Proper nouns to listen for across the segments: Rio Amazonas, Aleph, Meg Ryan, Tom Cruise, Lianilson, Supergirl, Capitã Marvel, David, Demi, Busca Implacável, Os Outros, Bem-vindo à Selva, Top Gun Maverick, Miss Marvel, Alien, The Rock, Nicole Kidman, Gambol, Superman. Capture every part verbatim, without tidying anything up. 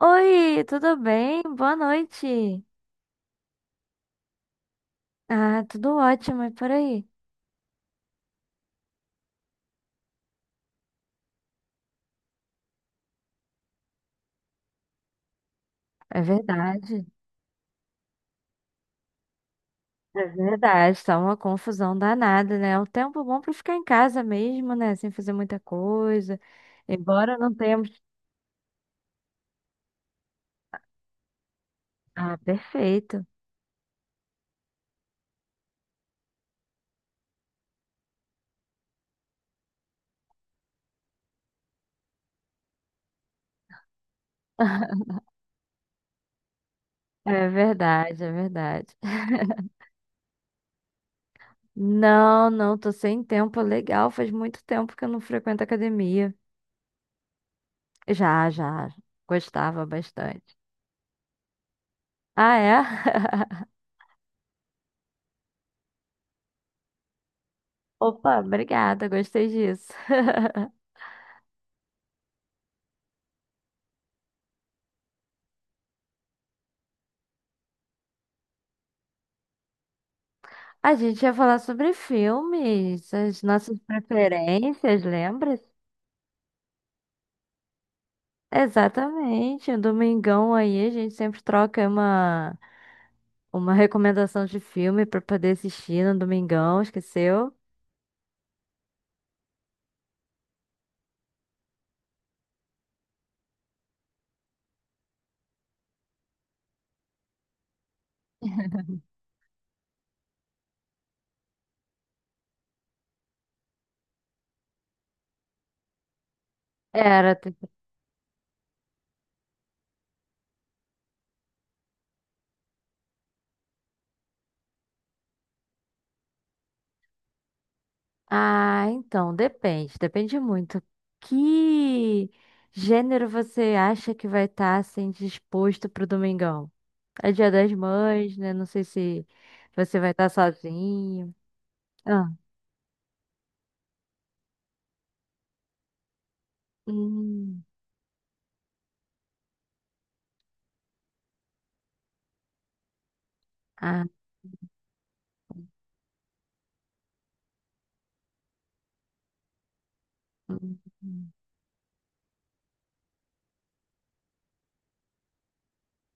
Oi, tudo bem? Boa noite. Ah, tudo ótimo, e por aí? É verdade, é verdade, tá uma confusão danada, né? É um tempo bom pra ficar em casa mesmo, né? Sem fazer muita coisa. Embora não tenhamos. Ah, perfeito. É verdade, é verdade. Não, não, tô sem tempo, legal. Faz muito tempo que eu não frequento academia. Já, já, gostava bastante. Ah, é? Opa, obrigada, gostei disso. A gente ia falar sobre filmes, as nossas preferências, lembra? Exatamente. O domingão aí, a gente sempre troca uma, uma recomendação de filme pra poder assistir no domingão, esqueceu? Era. Tipo- ah, então, depende, depende muito. Que gênero você acha que vai estar assim disposto pro domingão? É Dia das Mães, né? Não sei se você vai estar sozinho. Ah. Hum. Ah. Hum.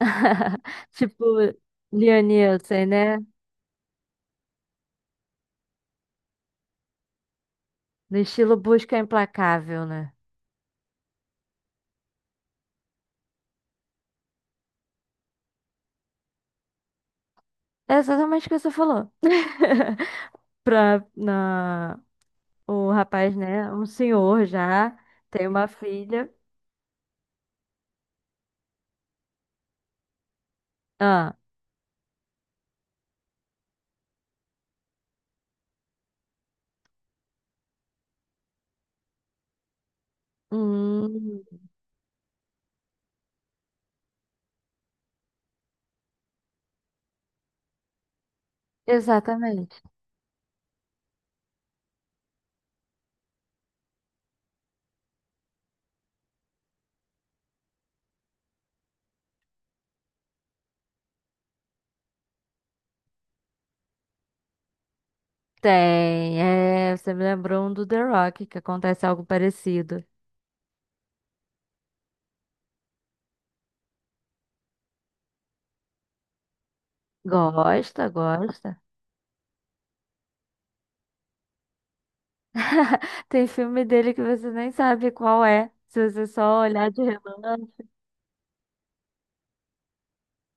Tipo, Lianilson, né? No estilo Busca Implacável, né? É exatamente o que você falou. Pra, na, o rapaz, né? Um senhor já, tem uma filha. Ah, hum, exatamente. Tem, é, você me lembrou um do The Rock, que acontece algo parecido. Gosta, gosta. Tem filme dele que você nem sabe qual é, se você só olhar de relance.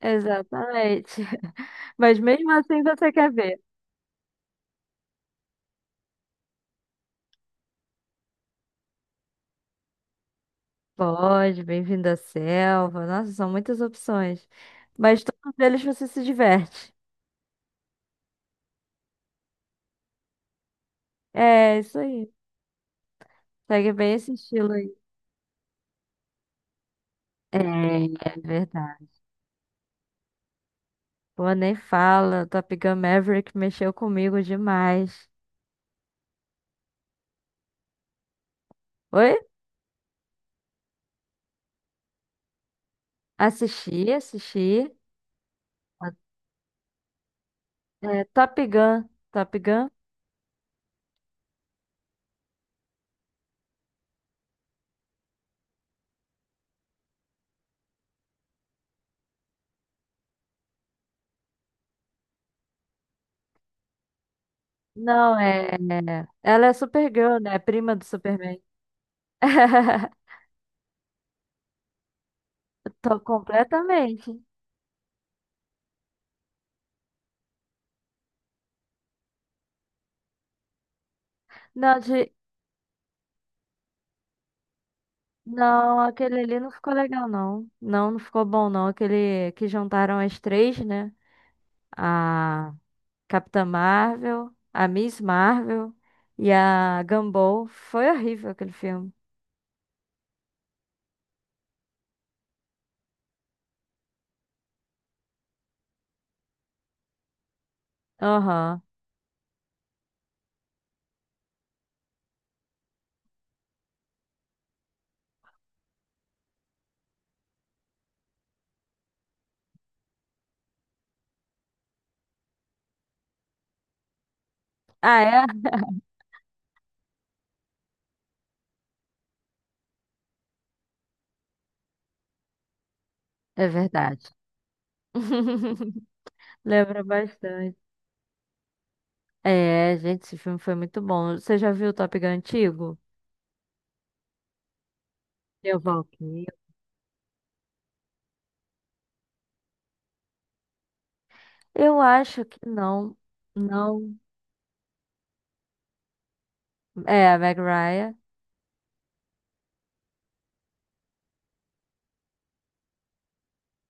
Exatamente. Mas mesmo assim você quer ver. Pode, bem-vindo à selva. Nossa, são muitas opções. Mas todos eles você se diverte. É, isso aí. Segue bem esse estilo aí. É, é verdade. Pô, nem fala. Top Gun Maverick mexeu comigo demais. Oi? Assisti, assisti. É, Top Gun. Top Gun? Não, é. É- ela é Supergirl, né? Prima do Superman. Tô completamente. Não, de, não, aquele ali não ficou legal, não. Não, não ficou bom, não. Aquele que juntaram as três, né? A Capitã Marvel, a Miss Marvel e a Gambol. Foi horrível aquele filme. Aham. Ah, é? É verdade. Lembra bastante. É, gente, esse filme foi muito bom. Você já viu o Top Gun antigo? Eu voltei. Eu acho que não. Não. É, a Meg Ryan.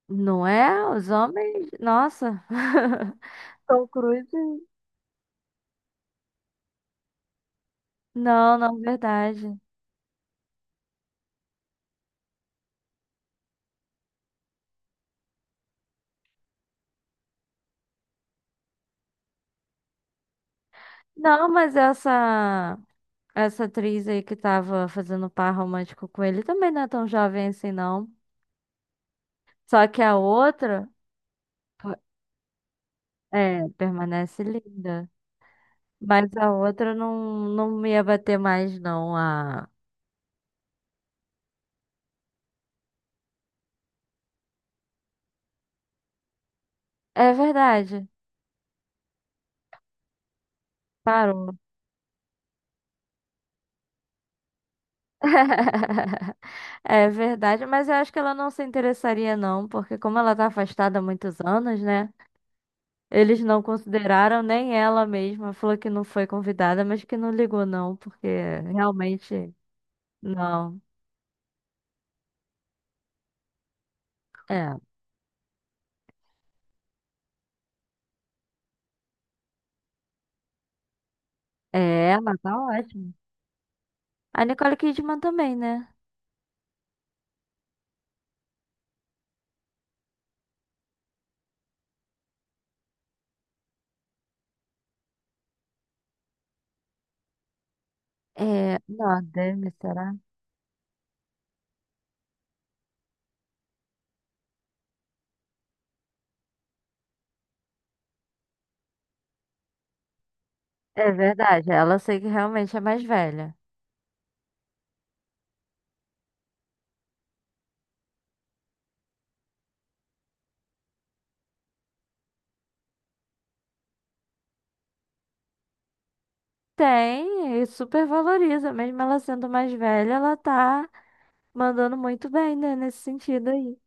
Não é? Os homens. Nossa. Tom Cruise. Não, não, verdade. Não, mas essa. Essa atriz aí que tava fazendo par romântico com ele também não é tão jovem assim, não. Só que a outra. Pô, é, permanece linda. Mas a outra não, não me ia bater mais, não. A... É verdade. Parou. É verdade, mas eu acho que ela não se interessaria, não, porque como ela tá afastada há muitos anos, né? Eles não consideraram nem ela mesma, falou que não foi convidada, mas que não ligou não, porque realmente não. É, é, ela tá ótima. A Nicole Kidman também, né? É, não, a Demi, será? É verdade, ela eu sei que realmente é mais velha. Tem, e super valoriza, mesmo ela sendo mais velha, ela tá mandando muito bem, né, nesse sentido aí.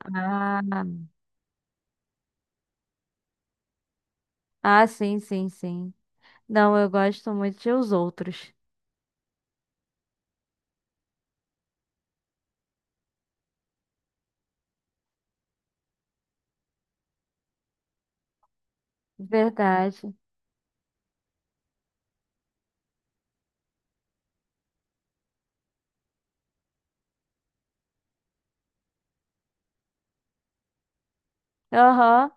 Ah, ah, sim, sim, sim. Não, eu gosto muito de Os Outros. Verdade. Aham.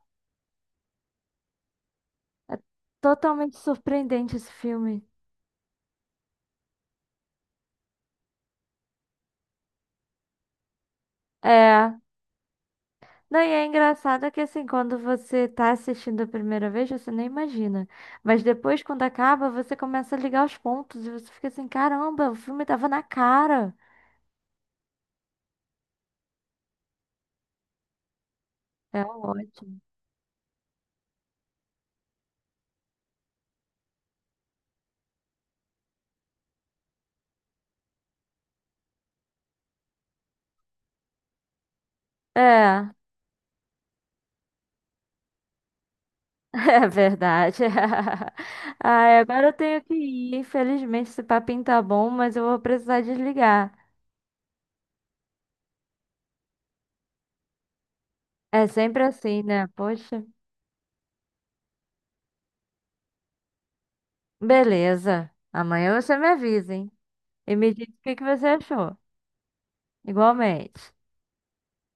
É totalmente surpreendente esse filme. É. Não, e é engraçado que assim, quando você tá assistindo a primeira vez, você nem imagina. Mas depois, quando acaba, você começa a ligar os pontos e você fica assim, caramba, o filme tava na cara. É ótimo. É, é verdade. Ai, agora eu tenho que ir. Infelizmente, esse papinho tá bom, mas eu vou precisar desligar. É sempre assim, né? Poxa. Beleza. Amanhã você me avisa, hein? E me diz o que que você achou. Igualmente.